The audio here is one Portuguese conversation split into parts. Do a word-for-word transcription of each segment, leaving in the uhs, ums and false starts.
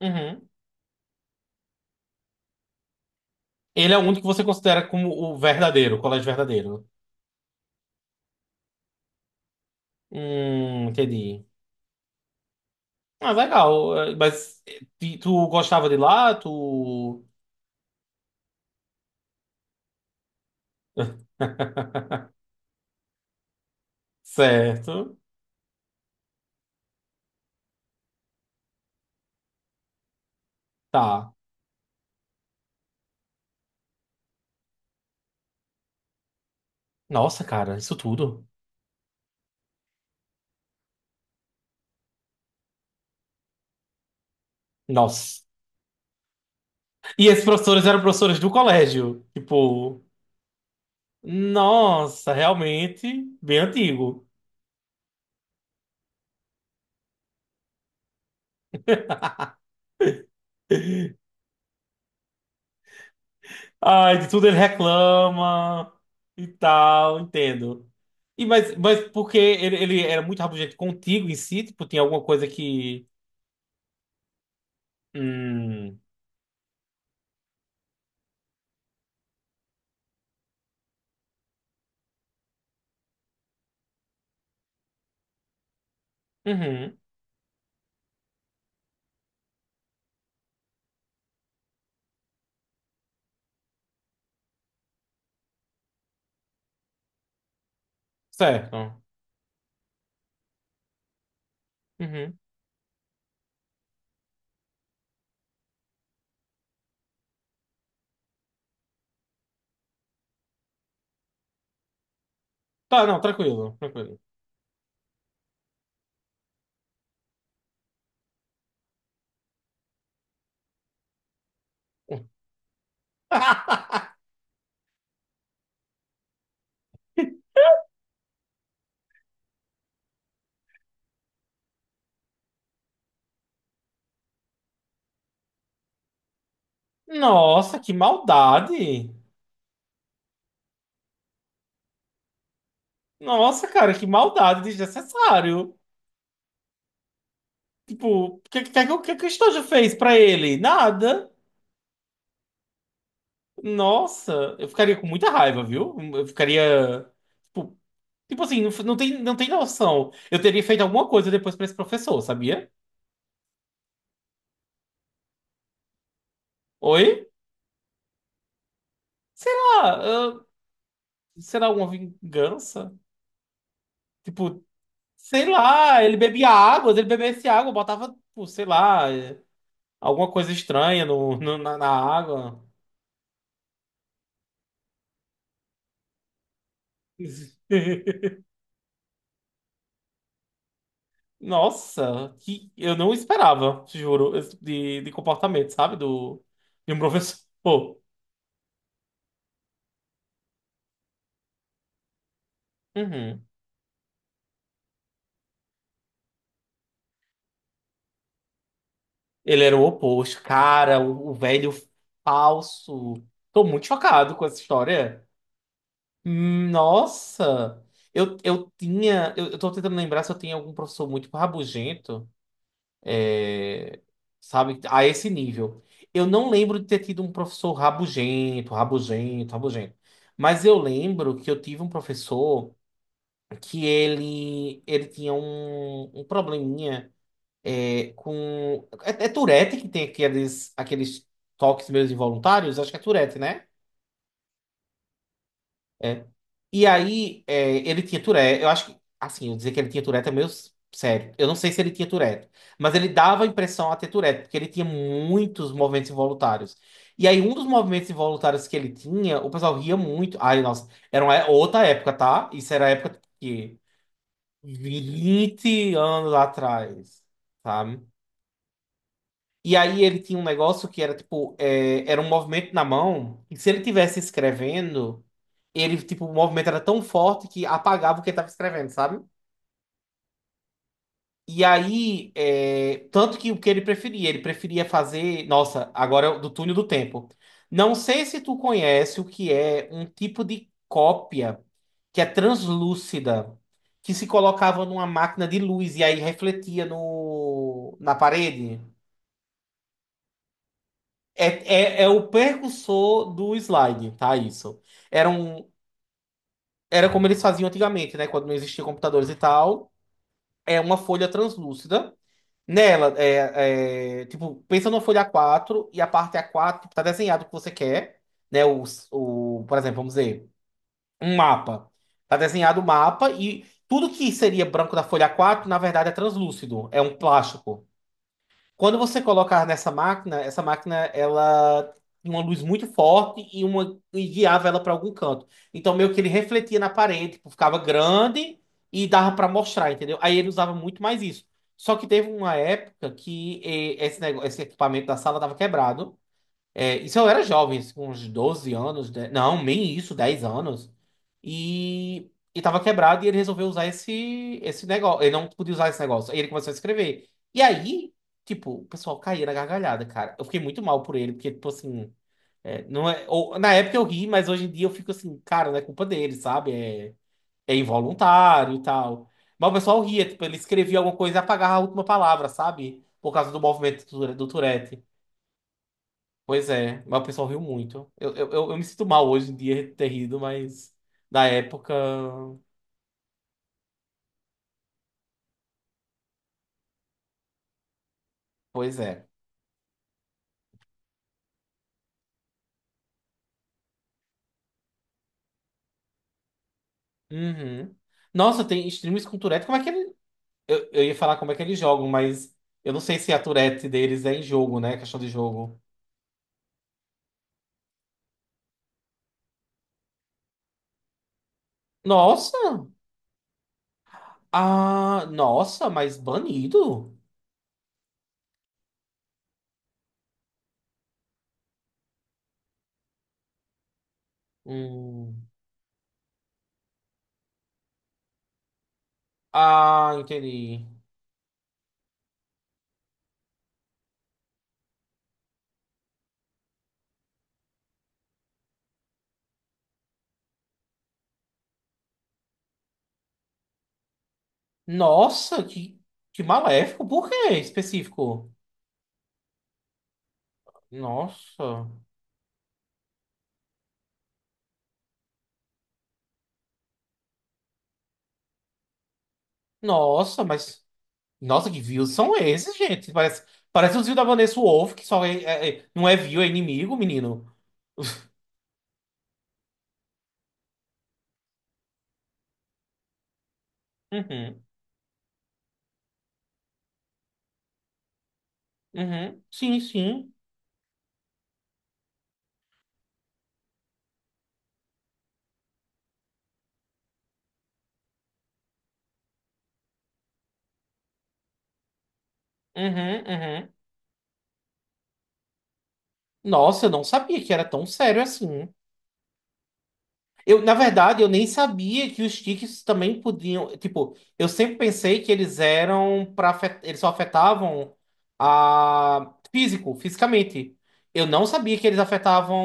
Uhum. Ele é o único que você considera como o verdadeiro, o colégio verdadeiro. Hum, entendi. Ah, legal. Eh, Mas eh, ti- tu gostava de lá? Tu. Certo. Tá. Nossa, cara, isso tudo. Nossa. E esses professores eram professores do colégio. Tipo, nossa, realmente bem antigo. Ai, de tudo ele reclama e tal, entendo. E mas, mas porque ele, ele era muito rabugento contigo em si, tipo, tinha alguma coisa que. Hum. Uhum. Certo. Uhum. Tá, não, tranquilo, tranquilo. Nossa, que maldade! Nossa, cara, que maldade desnecessário. Tipo, o que, que, que, que que o Estojo fez pra ele? Nada. Nossa, eu ficaria com muita raiva, viu? Eu ficaria. Tipo, tipo assim, não, não tem, não tem noção. Eu teria feito alguma coisa depois pra esse professor, sabia? Oi? Sei lá, ah, será alguma vingança? Tipo, sei lá, ele bebia água, se ele bebesse água, eu botava, tipo, sei lá, eh, alguma coisa estranha no, no- na, na água. Nossa, que eu não esperava, te juro, esse tipo de, de comportamento, sabe? Do, de um professor. Pô. Uhum. Ele era o oposto. Cara, o, o velho falso. Tô muito chocado com essa história. Hum, Nossa! Eu, eu tinha. Eu, eu tô tentando lembrar se eu tinha algum professor muito rabugento, é, sabe? A esse nível. Eu não lembro de ter tido um professor rabugento, rabugento, rabugento. Mas eu lembro que eu tive um professor que ele, ele tinha um, um probleminha. É, com. É, é Tourette que tem aqueles, aqueles toques meus involuntários? Acho que é Tourette, né? É. E aí, é, ele tinha Tourette. Eu acho que, assim, eu dizer que ele tinha Tourette é meio sério. Eu não sei se ele tinha Tourette, mas ele dava a impressão a ter Tourette, porque ele tinha muitos movimentos involuntários. E aí, um dos movimentos involuntários que ele tinha, o pessoal ria muito. Ai, nossa, era uma é- outra época, tá? Isso era a época que vinte anos atrás, tá? E aí ele tinha um negócio que era tipo, é, era um movimento na mão, e se ele tivesse escrevendo, ele, tipo, o movimento era tão forte que apagava o que ele estava escrevendo, sabe? E aí, é, tanto que o que ele preferia, ele preferia fazer, nossa, agora é do túnel do tempo. Não sei se tu conhece o que é um tipo de cópia que é translúcida, que se colocava numa máquina de luz e aí refletia no, na parede. É, é, é o precursor do slide, tá? Isso. Era, um, era como eles faziam antigamente, né? Quando não existiam computadores e tal. É uma folha translúcida. Nela, é, é, tipo, pensa numa folha A quatro e a parte A quatro, tipo, tá desenhado o que você quer, né? O, o, por exemplo, vamos dizer, um mapa. Tá desenhado o mapa e tudo que seria branco da folha A quatro, na verdade, é translúcido. É um plástico. Quando você colocar nessa máquina, essa máquina ela tinha uma luz muito forte e uma e guiava ela para algum canto. Então meio que ele refletia na parede, tipo, ficava grande e dava para mostrar, entendeu? Aí ele usava muito mais isso. Só que teve uma época que eh, esse negócio, esse equipamento da sala estava quebrado. É, isso eu era jovem, assim, com uns doze anos, de- não, nem isso, dez anos. E, e tava quebrado e ele resolveu usar esse, esse negócio. Ele não podia usar esse negócio. Aí ele começou a escrever. E aí, tipo, o pessoal caía na gargalhada, cara. Eu fiquei muito mal por ele, porque, tipo assim, é, não é, ou- na época eu ri, mas hoje em dia eu fico assim, cara, não é culpa dele, sabe? É, é involuntário e tal. Mas o pessoal ria, tipo, ele escrevia alguma coisa e apagava a última palavra, sabe? Por causa do movimento do, do Tourette. Pois é, mas o pessoal riu muito. Eu, eu, eu eu me sinto mal hoje em dia de ter rido, mas na época, pois é. Uhum. Nossa, tem streamers com Tourette, como é que ele... Eu, eu ia falar como é que eles jogam, mas eu não sei se a Tourette deles é em jogo, né? Questão de jogo. Nossa! Ah, nossa, mas banido? Hum. Ah, entendi. Nossa, que, que maléfico. Por quê específico? Nossa. Nossa, mas. Nossa, que views são esses, gente? Parece, parece os views da Vanessa Wolff, que só é, é- é- não é view, é inimigo, menino. Uhum, uhum, sim, sim. Uhum, uhum. Nossa, eu não sabia que era tão sério assim. Eu, na verdade, eu nem sabia que os tiques também podiam. Tipo, eu sempre pensei que eles eram para eles só afetavam a físico, fisicamente. Eu não sabia que eles afetavam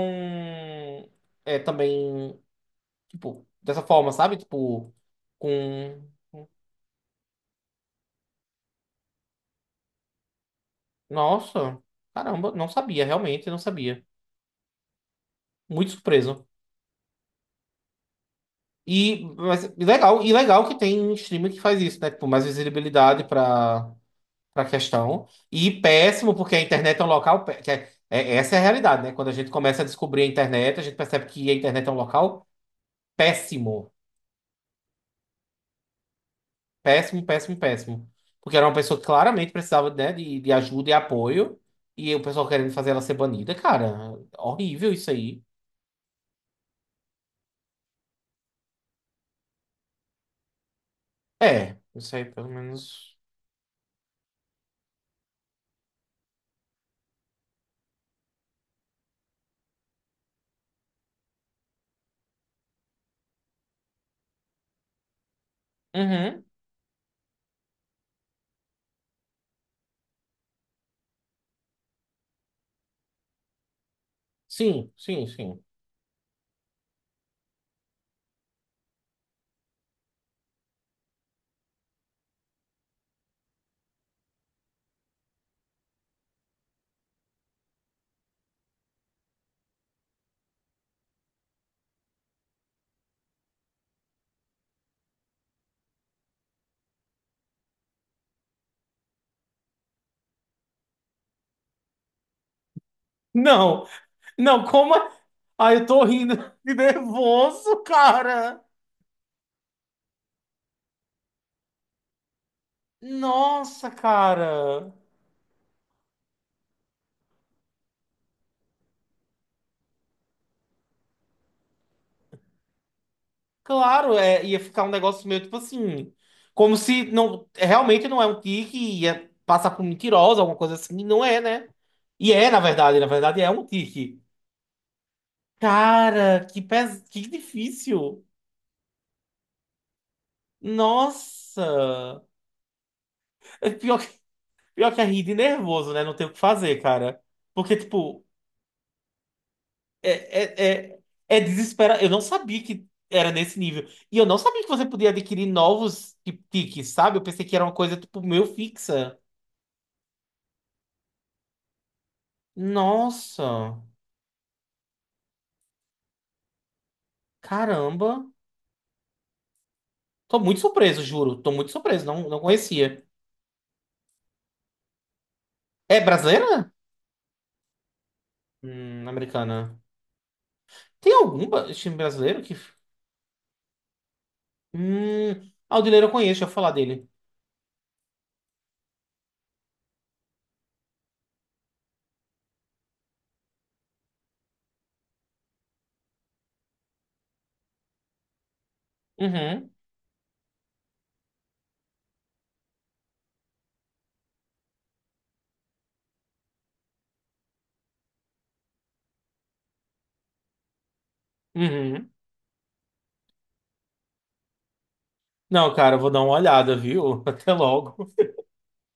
é, também. Tipo, dessa forma, sabe? Tipo, com. Nossa, caramba, não sabia, realmente não sabia. Muito surpreso. E mas, e legal, e legal que tem streamer que faz isso, né? Tipo, mais visibilidade para para questão. E péssimo, porque a internet é um local. pé- Que é, é- essa é a realidade, né? Quando a gente começa a descobrir a internet, a gente percebe que a internet é um local péssimo. Péssimo, péssimo, péssimo. Porque era uma pessoa que claramente precisava, né, de, de ajuda e apoio. E o pessoal querendo fazer ela ser banida, cara. Horrível isso aí. É, isso aí pelo menos. Uhum. Sim, sim, sim. Não, não, como. é- Ai, eu tô rindo de nervoso, cara. Nossa, cara. Claro, é, ia ficar um negócio meio tipo assim, como se não realmente não é um tique, ia passar por mentirosa, alguma coisa assim, e não é, né? E é, na verdade, na verdade é um tique. Cara, que pes... que difícil. Nossa. É Pior que, pior que é rir de nervoso, né? Não tem o que fazer, cara. Porque, tipo, é, é, é, é desespera. Eu não sabia que era nesse nível. E eu não sabia que você podia adquirir novos ti- tiques, sabe? Eu pensei que era uma coisa, tipo, meio fixa. Nossa, caramba. Tô muito surpreso, juro. Tô muito surpreso, não, não conhecia. É brasileira? Hum, americana. Tem algum ba- time brasileiro que. Hum, Aldileiro eu conheço, deixa eu falar dele. Uhum, uhum. Não, cara, eu vou dar uma olhada, viu? Até logo.